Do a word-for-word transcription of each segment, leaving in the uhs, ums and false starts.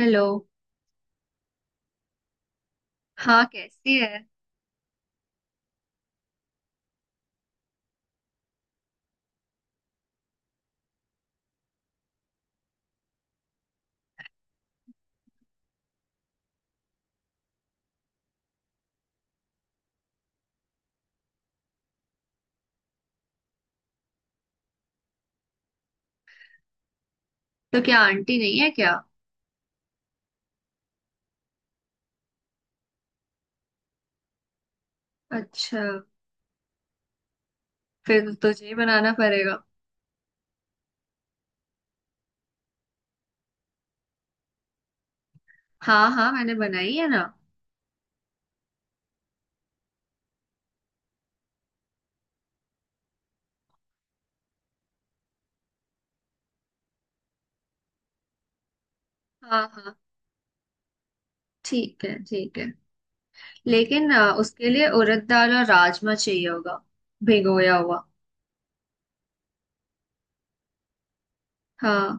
Hello. हाँ, कैसी है? तो क्या आंटी नहीं है क्या? अच्छा। फिर तो तुझे ही बनाना पड़ेगा। हाँ हाँ, मैंने बनाई है ना। हाँ हाँ, ठीक है ठीक है। लेकिन आ, उसके लिए उड़द दाल और राजमा चाहिए होगा। भिगोया हुआ। हाँ।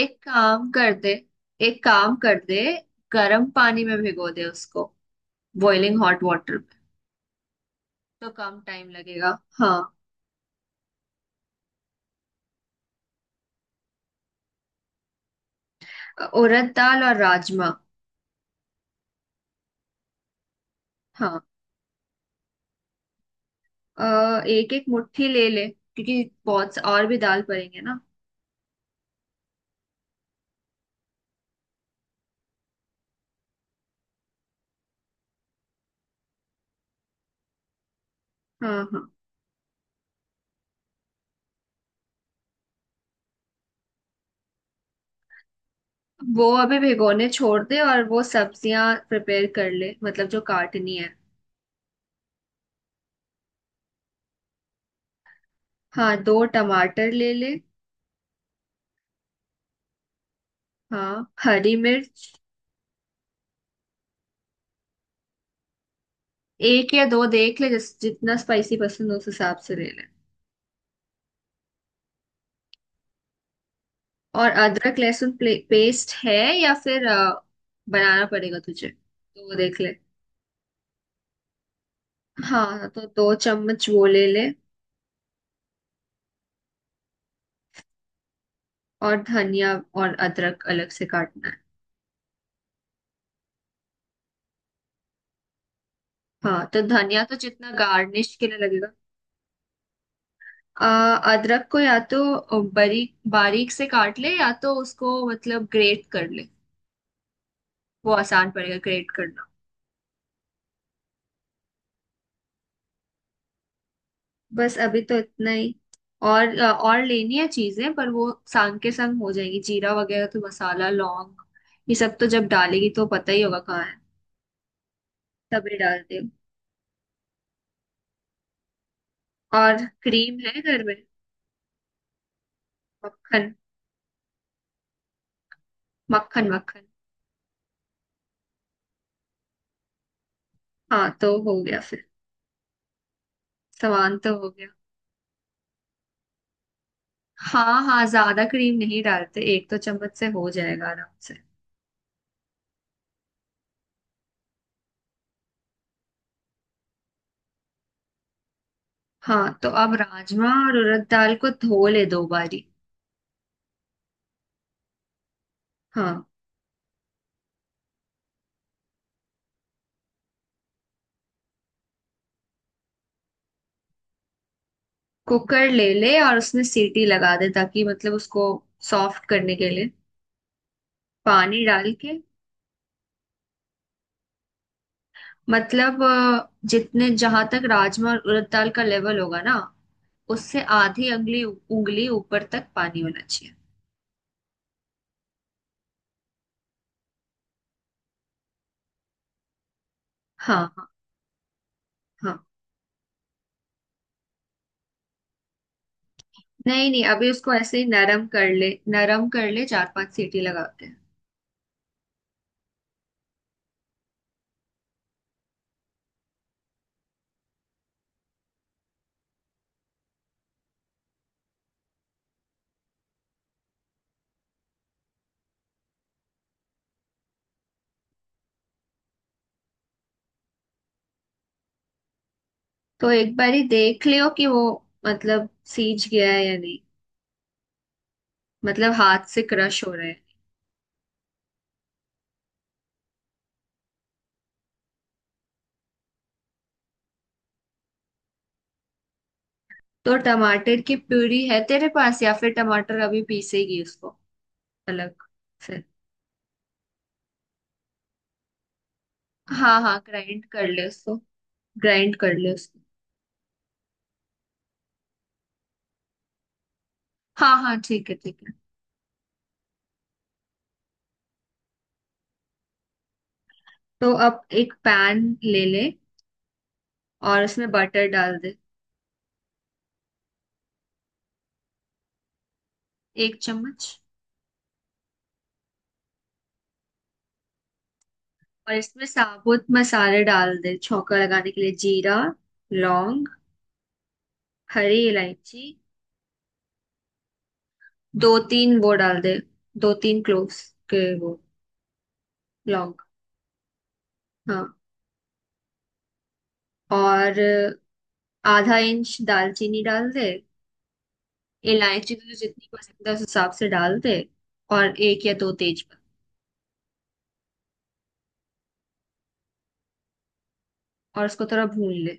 एक काम कर दे, एक काम कर दे, गर्म पानी में भिगो दे उसको। बॉइलिंग हॉट वाटर में। तो कम टाइम लगेगा। हाँ। उड़द दाल और राजमा। हाँ, एक एक मुट्ठी ले ले क्योंकि बहुत सा- और भी दाल पड़ेंगे ना। हाँ हाँ। वो अभी भिगोने छोड़ दे और वो सब्जियां प्रिपेयर कर ले, मतलब जो काटनी है। हाँ, दो टमाटर ले ले। हाँ, हरी मिर्च। एक या दो देख ले, जिस जितना स्पाइसी पसंद हो उस हिसाब से ले ले। और अदरक लहसुन प्ले- पेस्ट है या फिर अ, बनाना पड़ेगा तुझे तो वो देख ले। हाँ तो दो चम्मच वो ले ले। और धनिया और अदरक अलग से काटना है। हाँ तो धनिया तो जितना गार्निश के लिए लगेगा। आ, अदरक को या तो बारीक बारीक से काट ले, या तो उसको मतलब ग्रेट कर ले। वो आसान पड़ेगा ग्रेट करना। बस अभी तो इतना ही। और अ, और लेनी है चीजें पर वो संग के संग हो जाएगी, जीरा वगैरह तो मसाला लौंग। ये सब तो जब डालेगी तो पता ही होगा कहाँ है। तभी डाल दे। और क्रीम है घर में? मक्खन। मक्खन मक्खन। हाँ तो हो गया फिर। सामान तो हो गया। हाँ हाँ, ज्यादा क्रीम नहीं डालते, एक दो चम्मच से हो जाएगा आराम से। हाँ तो अब राजमा और उड़द दाल को धो ले दो बारी। हाँ, कुकर ले ले और उसमें सीटी लगा दे ताकि, मतलब, उसको सॉफ्ट करने के लिए पानी डाल के। मतलब अ, जितने जहां तक राजमा और उड़द दाल का लेवल होगा ना, उससे आधी अंगली उंगली ऊपर तक पानी होना चाहिए। हाँ हाँ हाँ। नहीं नहीं, अभी उसको ऐसे ही नरम कर ले, नरम कर ले, चार पांच सीटी लगा के। तो एक बारी देख लियो कि वो, मतलब, सीज गया है या नहीं। मतलब हाथ से क्रश हो रहा है। तो टमाटर की प्यूरी है तेरे पास या फिर टमाटर अभी पीसेगी उसको अलग से? हाँ हाँ, ग्राइंड कर ले उसको। ग्राइंड कर ले उसको। हाँ हाँ, ठीक है ठीक है। तो अब एक पैन ले ले और उसमें बटर डाल दे। एक चम्मच। और इसमें साबुत मसाले डाल दे छौंका लगाने के लिए। जीरा, लौंग, हरी इलायची। दो तीन वो डाल दे, दो तीन क्लोव्स के वो लॉन्ग। हाँ। और आधा इंच दालचीनी डाल दे। इलायची तुझे जितनी पसंद है उस हिसाब से डाल दे। और एक या दो तेजपत्ता। और उसको थोड़ा भून ले।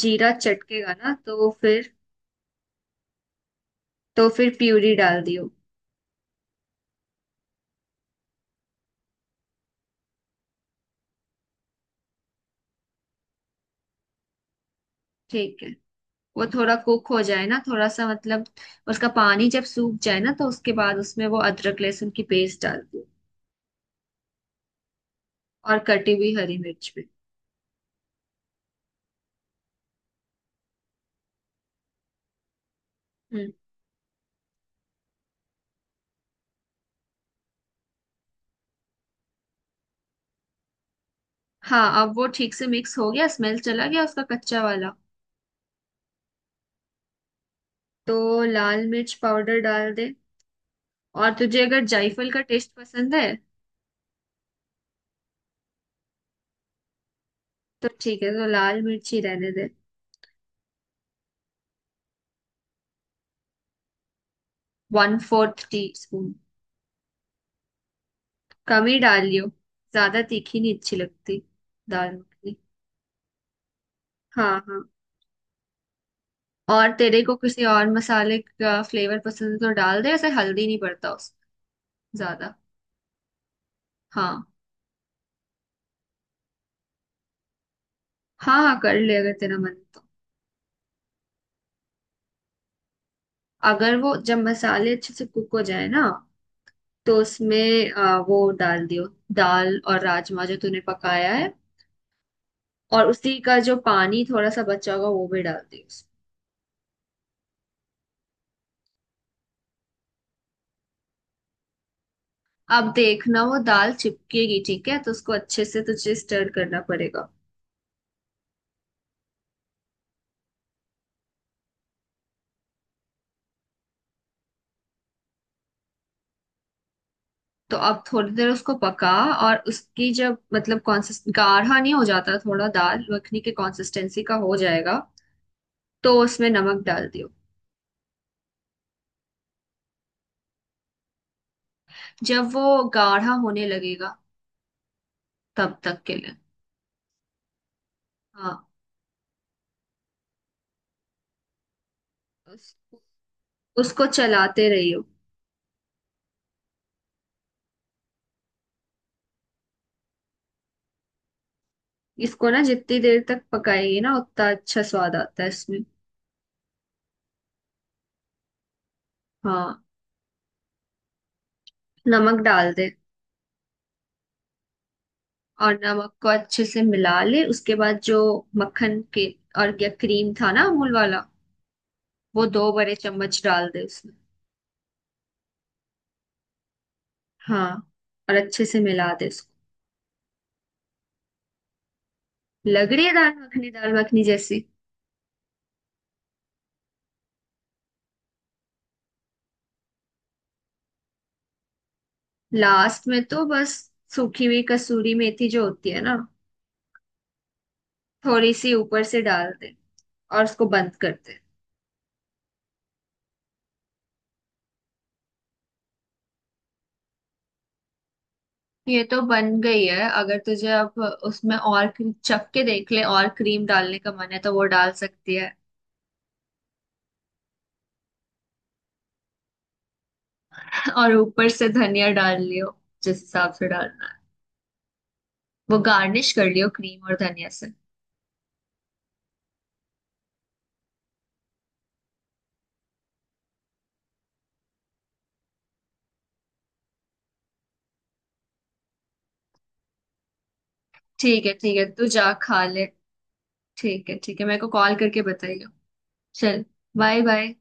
जीरा चटकेगा ना, तो फिर तो फिर प्यूरी डाल दियो। ठीक है, वो थोड़ा कुक हो जाए ना, थोड़ा सा मतलब उसका पानी जब सूख जाए ना, तो उसके बाद उसमें वो अदरक लहसुन की पेस्ट डाल दो। और कटी हुई हरी मिर्च भी। हाँ, अब वो ठीक से मिक्स हो गया, स्मेल चला गया उसका कच्चा वाला। तो लाल मिर्च पाउडर डाल दे। और तुझे अगर जायफल का टेस्ट पसंद है तो ठीक है, तो लाल मिर्च ही रहने दे। One fourth teaspoon. कम ही डाल लियो। ज्यादा तीखी नहीं अच्छी लगती दाल मखनी। हाँ हाँ। और तेरे को किसी और मसाले का फ्लेवर पसंद है तो डाल दे। ऐसे हल्दी नहीं पड़ता उस ज्यादा। हाँ हाँ हाँ, कर ले अगर तेरा मन है तो। अगर वो जब मसाले अच्छे से कुक हो जाए ना, तो उसमें अ, वो डाल दियो। दाल और राजमा जो तूने पकाया है। और उसी का जो पानी थोड़ा सा बचा होगा वो भी डाल दियो उसमें। अब देखना, वो दाल चिपकेगी, ठीक है तो उसको अच्छे से तुझे स्टर करना पड़ेगा। तो अब थोड़ी देर उसको पका। और उसकी जब, मतलब, कॉन्सिस्ट गाढ़ा नहीं हो जाता, थोड़ा दाल मखनी के कंसिस्टेंसी का हो जाएगा। तो उसमें नमक डाल दियो। जब वो गाढ़ा होने लगेगा, तब तक के लिए। हाँ। उस, उसको चलाते रहियो। इसको ना जितनी देर तक पकाएंगे ना उतना अच्छा स्वाद आता है इसमें। हाँ, नमक डाल दे। और नमक को अच्छे से मिला ले, उसके बाद जो मक्खन के और या क्रीम था ना अमूल वाला, वो दो बड़े चम्मच डाल दे उसमें। हाँ। और अच्छे से मिला दे उसको। लग रही है दाल मखनी, दाल मखनी जैसी। लास्ट में तो बस सूखी हुई कसूरी मेथी जो होती है ना, थोड़ी सी ऊपर से डाल दे, और उसको बंद कर दे। ये तो बन गई है। अगर तुझे अब उसमें और क्री- चख के देख ले और क्रीम डालने का मन है तो वो डाल सकती है। और ऊपर से धनिया डाल लियो जिस हिसाब से डालना है, वो गार्निश कर लियो क्रीम और धनिया से। ठीक है ठीक है, तू जा खा ले। ठीक है ठीक है, मेरे को कॉल करके बताइयो। चल, बाय बाय।